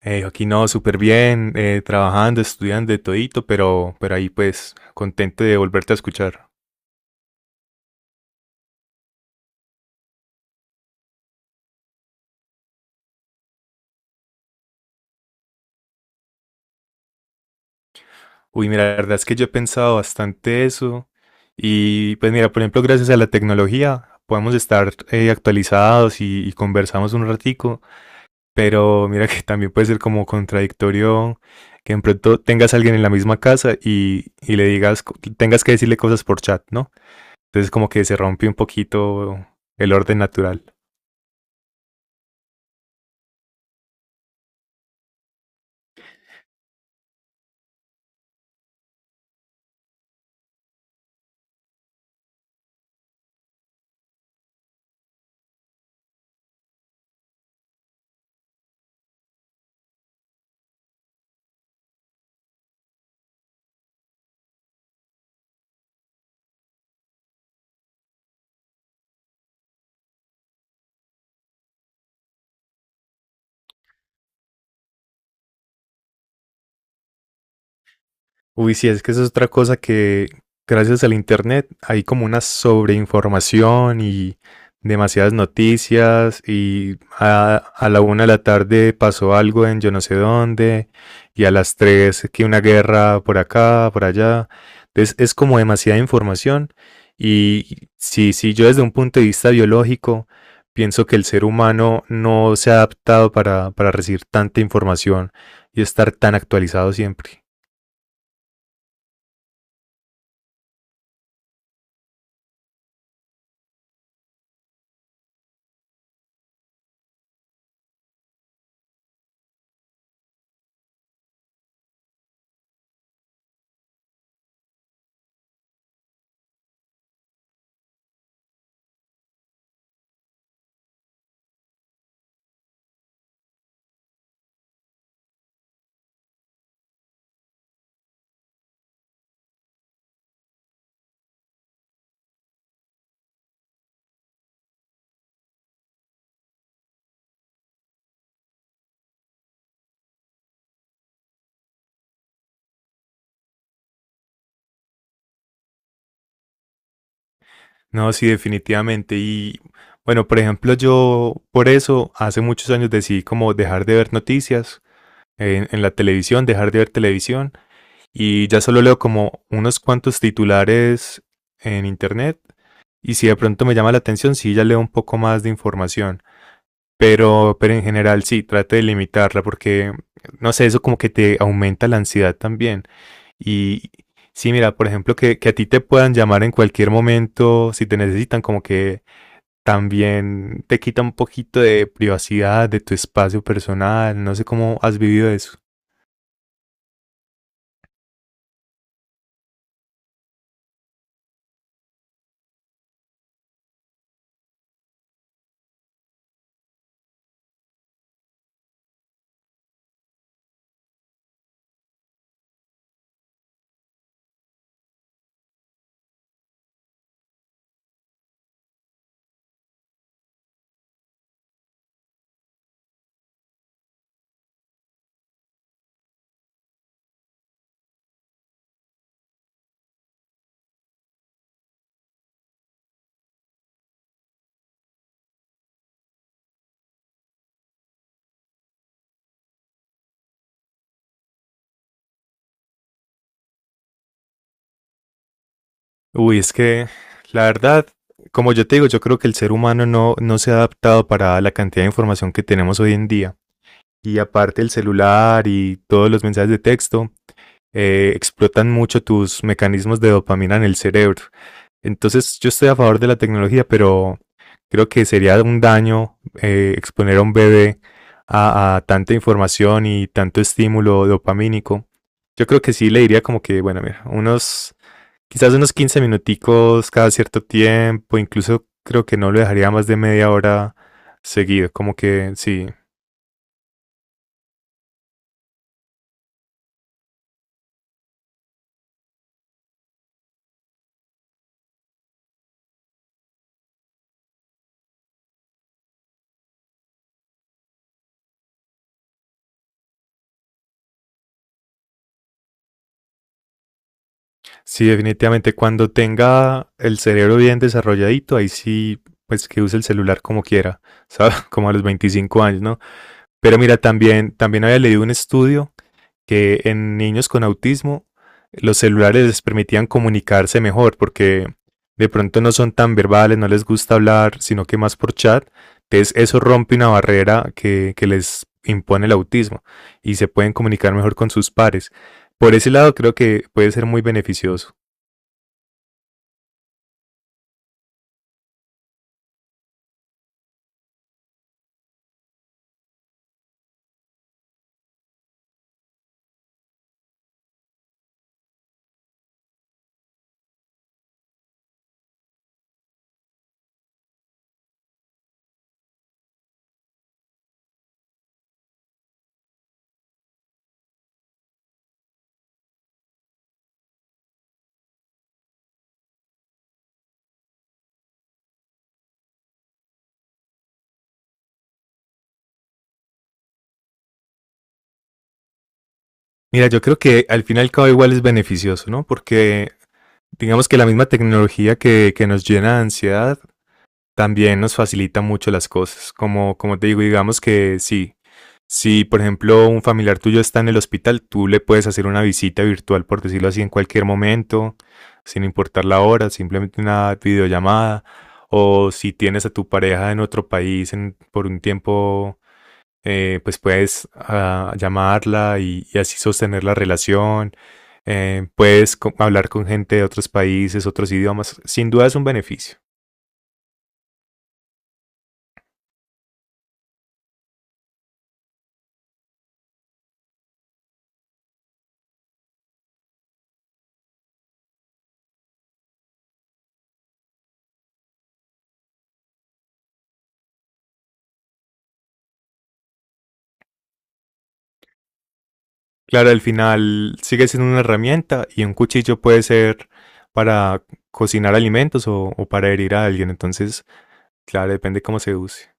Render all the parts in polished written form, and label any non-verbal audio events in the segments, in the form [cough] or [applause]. Aquí no, súper bien, trabajando, estudiando, de todito, pero ahí pues contento de volverte a escuchar. Uy, mira, la verdad es que yo he pensado bastante eso y pues mira, por ejemplo, gracias a la tecnología podemos estar actualizados y conversamos un ratico, pero mira que también puede ser como contradictorio que en pronto tengas a alguien en la misma casa y le digas, tengas que decirle cosas por chat, ¿no? Entonces como que se rompe un poquito el orden natural. Uy, sí, es que eso es otra cosa que gracias al internet hay como una sobreinformación y demasiadas noticias y a la una de la tarde pasó algo en yo no sé dónde y a las tres que una guerra por acá, por allá. Entonces es como demasiada información y sí sí yo desde un punto de vista biológico pienso que el ser humano no se ha adaptado para recibir tanta información y estar tan actualizado siempre. No, sí, definitivamente. Y bueno, por ejemplo, yo por eso hace muchos años decidí como dejar de ver noticias en la televisión, dejar de ver televisión y ya solo leo como unos cuantos titulares en internet y si de pronto me llama la atención, sí, ya leo un poco más de información. Pero en general sí, trate de limitarla porque, no sé, eso como que te aumenta la ansiedad también. Y sí, mira, por ejemplo, que a ti te puedan llamar en cualquier momento, si te necesitan, como que también te quita un poquito de privacidad, de tu espacio personal, no sé cómo has vivido eso. Uy, es que la verdad, como yo te digo, yo creo que el ser humano no se ha adaptado para la cantidad de información que tenemos hoy en día. Y aparte el celular y todos los mensajes de texto explotan mucho tus mecanismos de dopamina en el cerebro. Entonces yo estoy a favor de la tecnología, pero creo que sería un daño exponer a un bebé tanta información y tanto estímulo dopamínico. Yo creo que sí le diría como que, bueno, mira, quizás unos 15 minuticos cada cierto tiempo, incluso creo que no lo dejaría más de media hora seguido, como que sí, sí, definitivamente cuando tenga el cerebro bien desarrolladito, ahí sí, pues que use el celular como quiera, [laughs] ¿sabes? Como a los 25 años, ¿no? Pero mira, también, también había leído un estudio que en niños con autismo los celulares les permitían comunicarse mejor porque de pronto no son tan verbales, no les gusta hablar, sino que más por chat. Entonces eso rompe una barrera que les impone el autismo y se pueden comunicar mejor con sus pares. Por ese lado creo que puede ser muy beneficioso. Mira, yo creo que al final y al cabo igual es beneficioso, ¿no? Porque digamos que la misma tecnología que nos llena de ansiedad también nos facilita mucho las cosas. Como te digo, digamos que sí. Si, por ejemplo, un familiar tuyo está en el hospital, tú le puedes hacer una visita virtual, por decirlo así, en cualquier momento, sin importar la hora, simplemente una videollamada. O si tienes a tu pareja en otro país por un tiempo, pues puedes llamarla y así sostener la relación. Puedes hablar con gente de otros países, otros idiomas. Sin duda es un beneficio. Claro, al final sigue siendo una herramienta y un cuchillo puede ser para cocinar alimentos o para herir a alguien. Entonces, claro, depende cómo se use.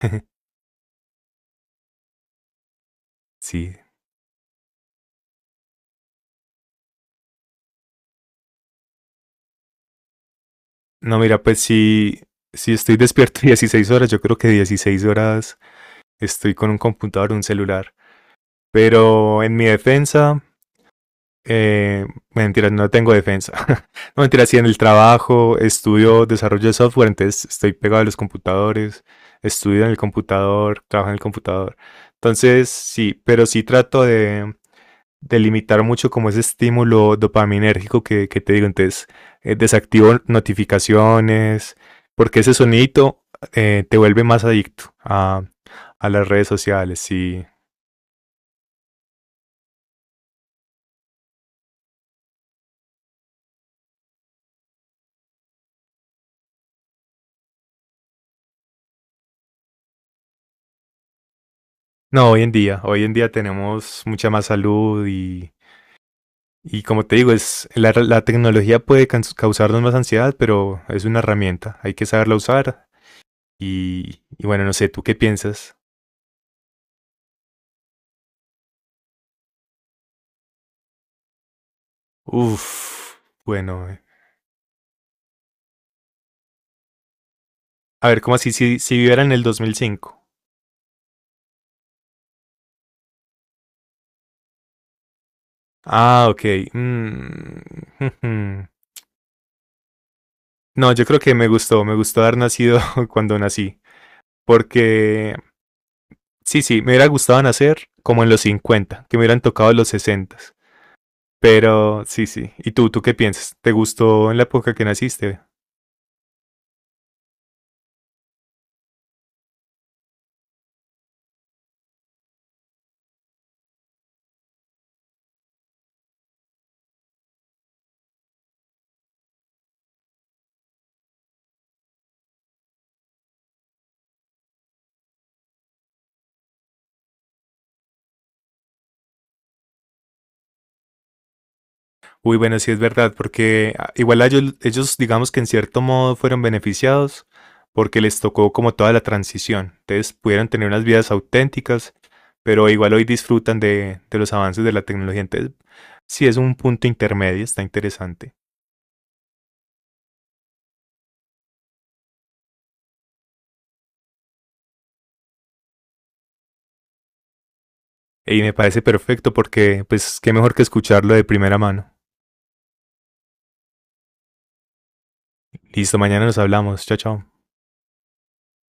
[laughs] Sí. No, mira, pues si, si estoy despierto [laughs] 16 horas, yo creo que 16 horas estoy con un computador, un celular. Pero en mi defensa, mentira, no tengo defensa. [laughs] No, mentira, sí, en el trabajo estudio desarrollo de software, entonces estoy pegado a los computadores, estudio en el computador, trabajo en el computador. Entonces, sí, pero sí trato de limitar mucho como ese estímulo dopaminérgico que te digo. Entonces, desactivo notificaciones, porque ese sonidito te vuelve más adicto a las redes sociales. Y no, hoy en día tenemos mucha más salud y como te digo, la tecnología puede causarnos más ansiedad, pero es una herramienta, hay que saberla usar. Y bueno, no sé, ¿tú qué piensas? Uf, bueno, a ver, ¿cómo así? Si, si viviera en el 2005. Ah, ok. Mm. [laughs] Ujú. No, yo creo que me gustó haber nacido [laughs] cuando nací, porque sí, sí, me hubiera gustado nacer como en los 50, que me hubieran tocado los 60. Pero sí, sí. ¿Y tú qué piensas? ¿Te gustó en la época que naciste? Uy, bueno, sí es verdad, porque igual a ellos, digamos que en cierto modo fueron beneficiados porque les tocó como toda la transición. Entonces pudieron tener unas vidas auténticas, pero igual hoy disfrutan de los avances de la tecnología. Entonces, sí es un punto intermedio, está interesante. Y me parece perfecto porque, pues, qué mejor que escucharlo de primera mano. Listo, mañana nos hablamos. Chao, chao.